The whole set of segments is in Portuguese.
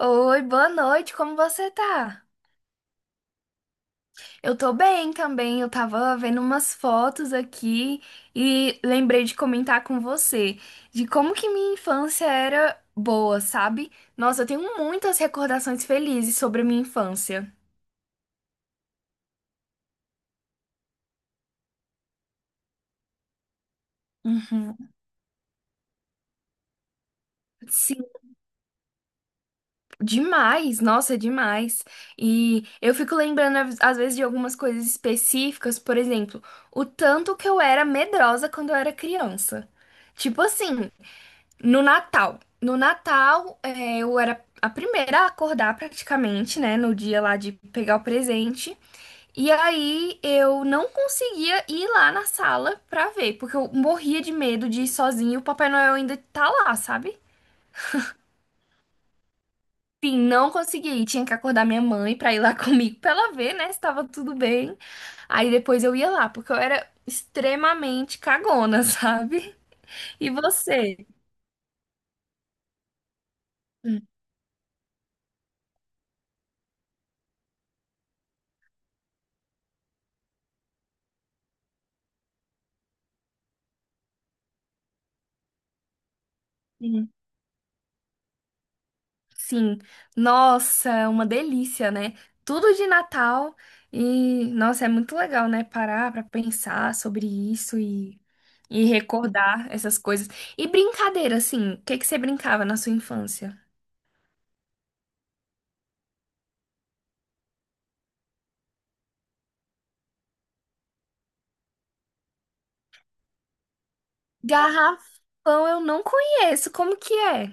Oi, boa noite, como você tá? Eu tô bem também, eu tava vendo umas fotos aqui e lembrei de comentar com você de como que minha infância era boa, sabe? Nossa, eu tenho muitas recordações felizes sobre a minha infância. Uhum. Sim, demais, nossa, demais. E eu fico lembrando às vezes de algumas coisas específicas, por exemplo, o tanto que eu era medrosa quando eu era criança. Tipo assim. No Natal, eu era a primeira a acordar praticamente, né? No dia lá de pegar o presente. E aí eu não conseguia ir lá na sala pra ver, porque eu morria de medo de ir sozinha e o Papai Noel ainda tá lá, sabe? Enfim, não conseguia ir. Tinha que acordar minha mãe pra ir lá comigo pra ela ver, né? Se tava tudo bem. Aí depois eu ia lá, porque eu era extremamente cagona, sabe? E você? Sim, nossa, uma delícia, né? Tudo de Natal e, nossa, é muito legal, né? Parar pra pensar sobre isso e recordar essas coisas. E brincadeira, assim, o que que você brincava na sua infância? Garrafão eu não conheço, como que é?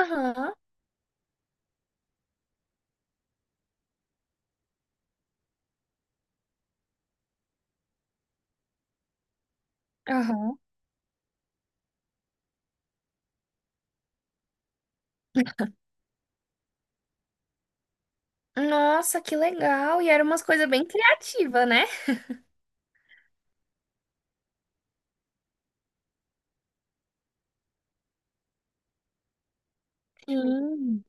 Aham, aham. Nossa, que legal! E eram umas coisas bem criativas, né? Sim.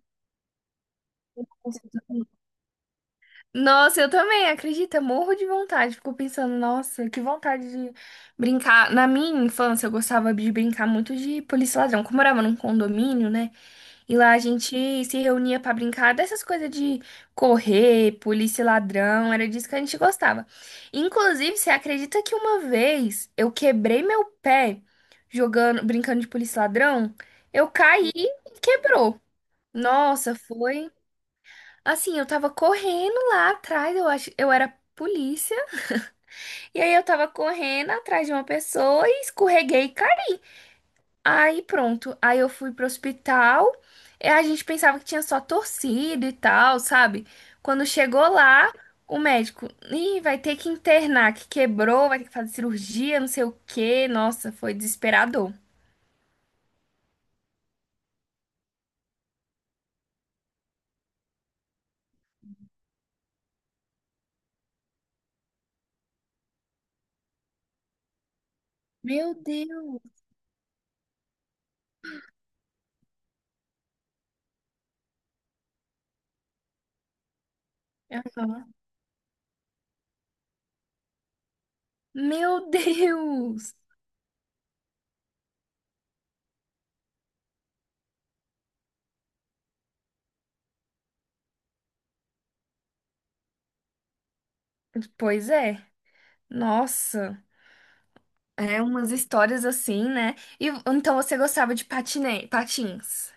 Nossa, eu também, acredita? Morro de vontade. Fico pensando, nossa, que vontade de brincar. Na minha infância, eu gostava de brincar muito de polícia e ladrão. Como eu morava num condomínio, né? E lá a gente se reunia pra brincar dessas coisas de correr, polícia e ladrão. Era disso que a gente gostava. Inclusive, você acredita que uma vez eu quebrei meu pé jogando, brincando de polícia e ladrão? Eu caí e quebrou. Nossa, foi. Assim, eu tava correndo lá atrás, eu acho, eu era polícia, e aí eu tava correndo atrás de uma pessoa e escorreguei e caí. Aí pronto, aí eu fui pro hospital, e a gente pensava que tinha só torcido e tal, sabe? Quando chegou lá, o médico, ih, vai ter que internar, que quebrou, vai ter que fazer cirurgia, não sei o quê. Nossa, foi desesperador. Meu Deus. Aham. Meu Deus! Pois é, nossa. É, umas histórias assim, né? E então você gostava de patins?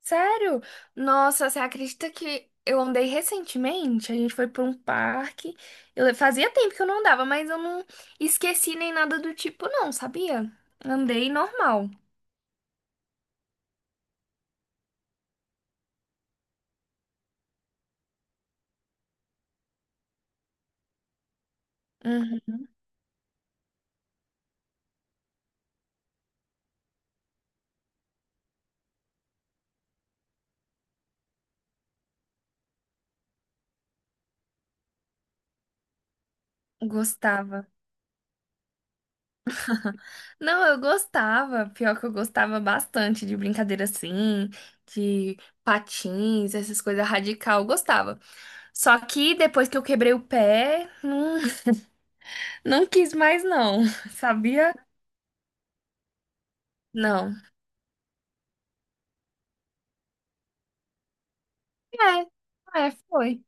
Sério? Nossa, você acredita que eu andei recentemente? A gente foi para um parque. Eu fazia tempo que eu não andava, mas eu não esqueci nem nada do tipo, não, sabia? Andei normal. Uhum, gostava. Não, eu gostava. Pior que eu gostava bastante de brincadeira assim, de patins, essas coisas radical, eu gostava. Só que depois que eu quebrei o pé, não quis mais, não. Sabia? Não. É, foi.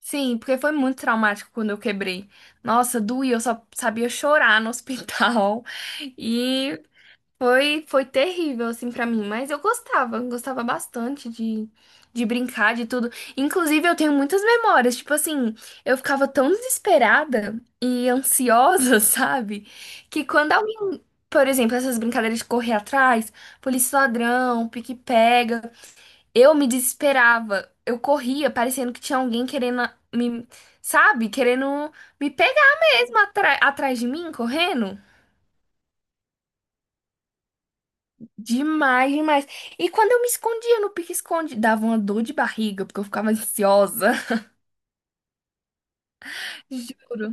Sim, porque foi muito traumático quando eu quebrei. Nossa, doía, eu só sabia chorar no hospital. E foi, terrível, assim, pra mim, mas eu gostava, gostava bastante de, brincar, de tudo. Inclusive, eu tenho muitas memórias, tipo assim, eu ficava tão desesperada e ansiosa, sabe? Que quando alguém, por exemplo, essas brincadeiras de correr atrás, polícia e ladrão, pique-pega, eu me desesperava. Eu corria, parecendo que tinha alguém querendo me, sabe? Querendo me pegar mesmo atrás de mim, correndo. Demais, demais. E quando eu me escondia no pique-esconde, dava uma dor de barriga, porque eu ficava ansiosa. Juro.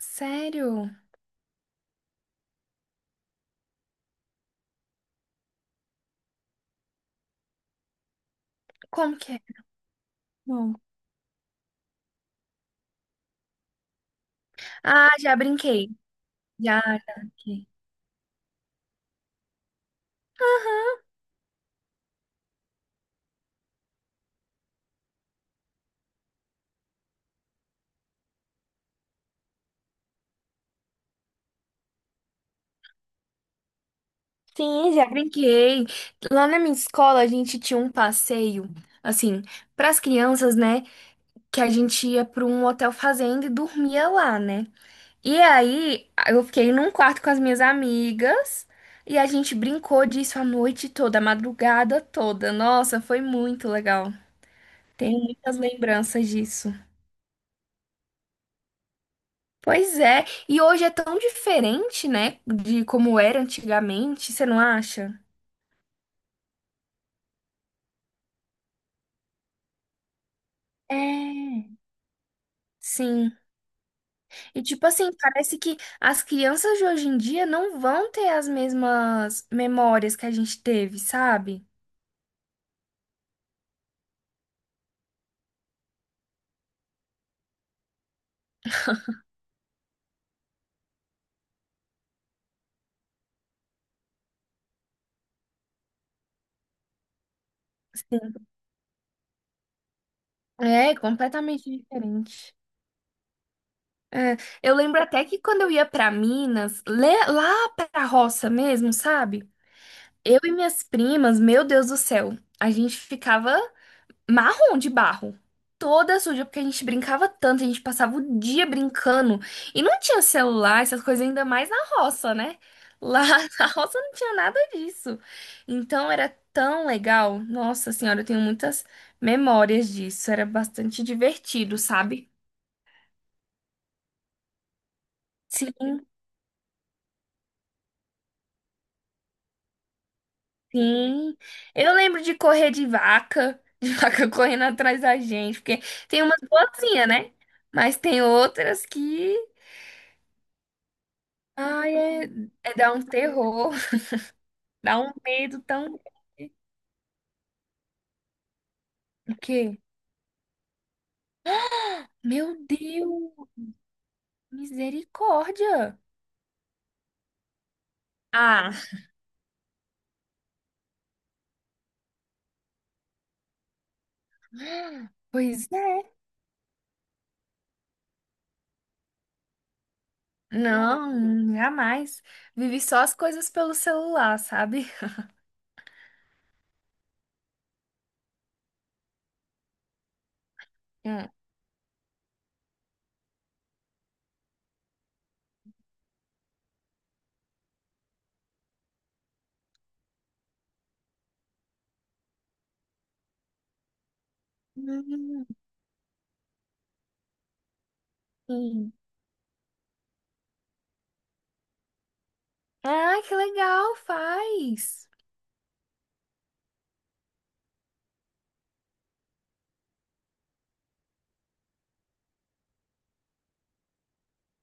Sério? Como que é? Não. Ah, já brinquei. Já, brinquei. Sim, já brinquei. Lá na minha escola, a gente tinha um passeio, assim, para as crianças, né? Que a gente ia para um hotel fazenda e dormia lá, né? E aí, eu fiquei num quarto com as minhas amigas e a gente brincou disso a noite toda, a madrugada toda. Nossa, foi muito legal. Tenho muitas lembranças disso. Pois é, e hoje é tão diferente, né, de como era antigamente, você não acha? É. Sim. E tipo assim, parece que as crianças de hoje em dia não vão ter as mesmas memórias que a gente teve, sabe? Sim. É completamente diferente. É, eu lembro até que quando eu ia pra Minas, lá pra roça mesmo, sabe? Eu e minhas primas, meu Deus do céu, a gente ficava marrom de barro, toda suja, porque a gente brincava tanto, a gente passava o dia brincando e não tinha celular, essas coisas, ainda mais na roça, né? Lá na roça não tinha nada disso. Então era tão legal. Nossa senhora, eu tenho muitas memórias disso, era bastante divertido, sabe? Sim. Sim, eu lembro de correr de vaca, de vaca correndo atrás da gente, porque tem umas boazinhas, né? Mas tem outras que, ai, é, é dar um terror, dá um medo tão... O quê? Meu Deus, misericórdia! Ah, pois é. Não, jamais. Vivi só as coisas pelo celular, sabe? Hum. Hum, sim. Ah, que legal, faz.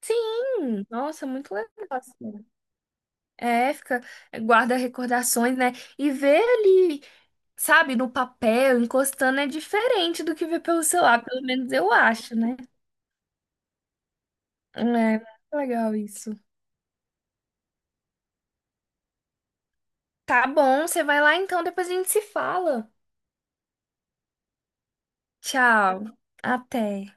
Sim, nossa, muito legal, assim. É, fica, eh, guarda recordações, né? E ver ali, sabe, no papel, encostando é diferente do que ver pelo celular, pelo menos eu acho, né? É, muito legal isso. Tá bom, você vai lá então, depois a gente se fala. Tchau, até.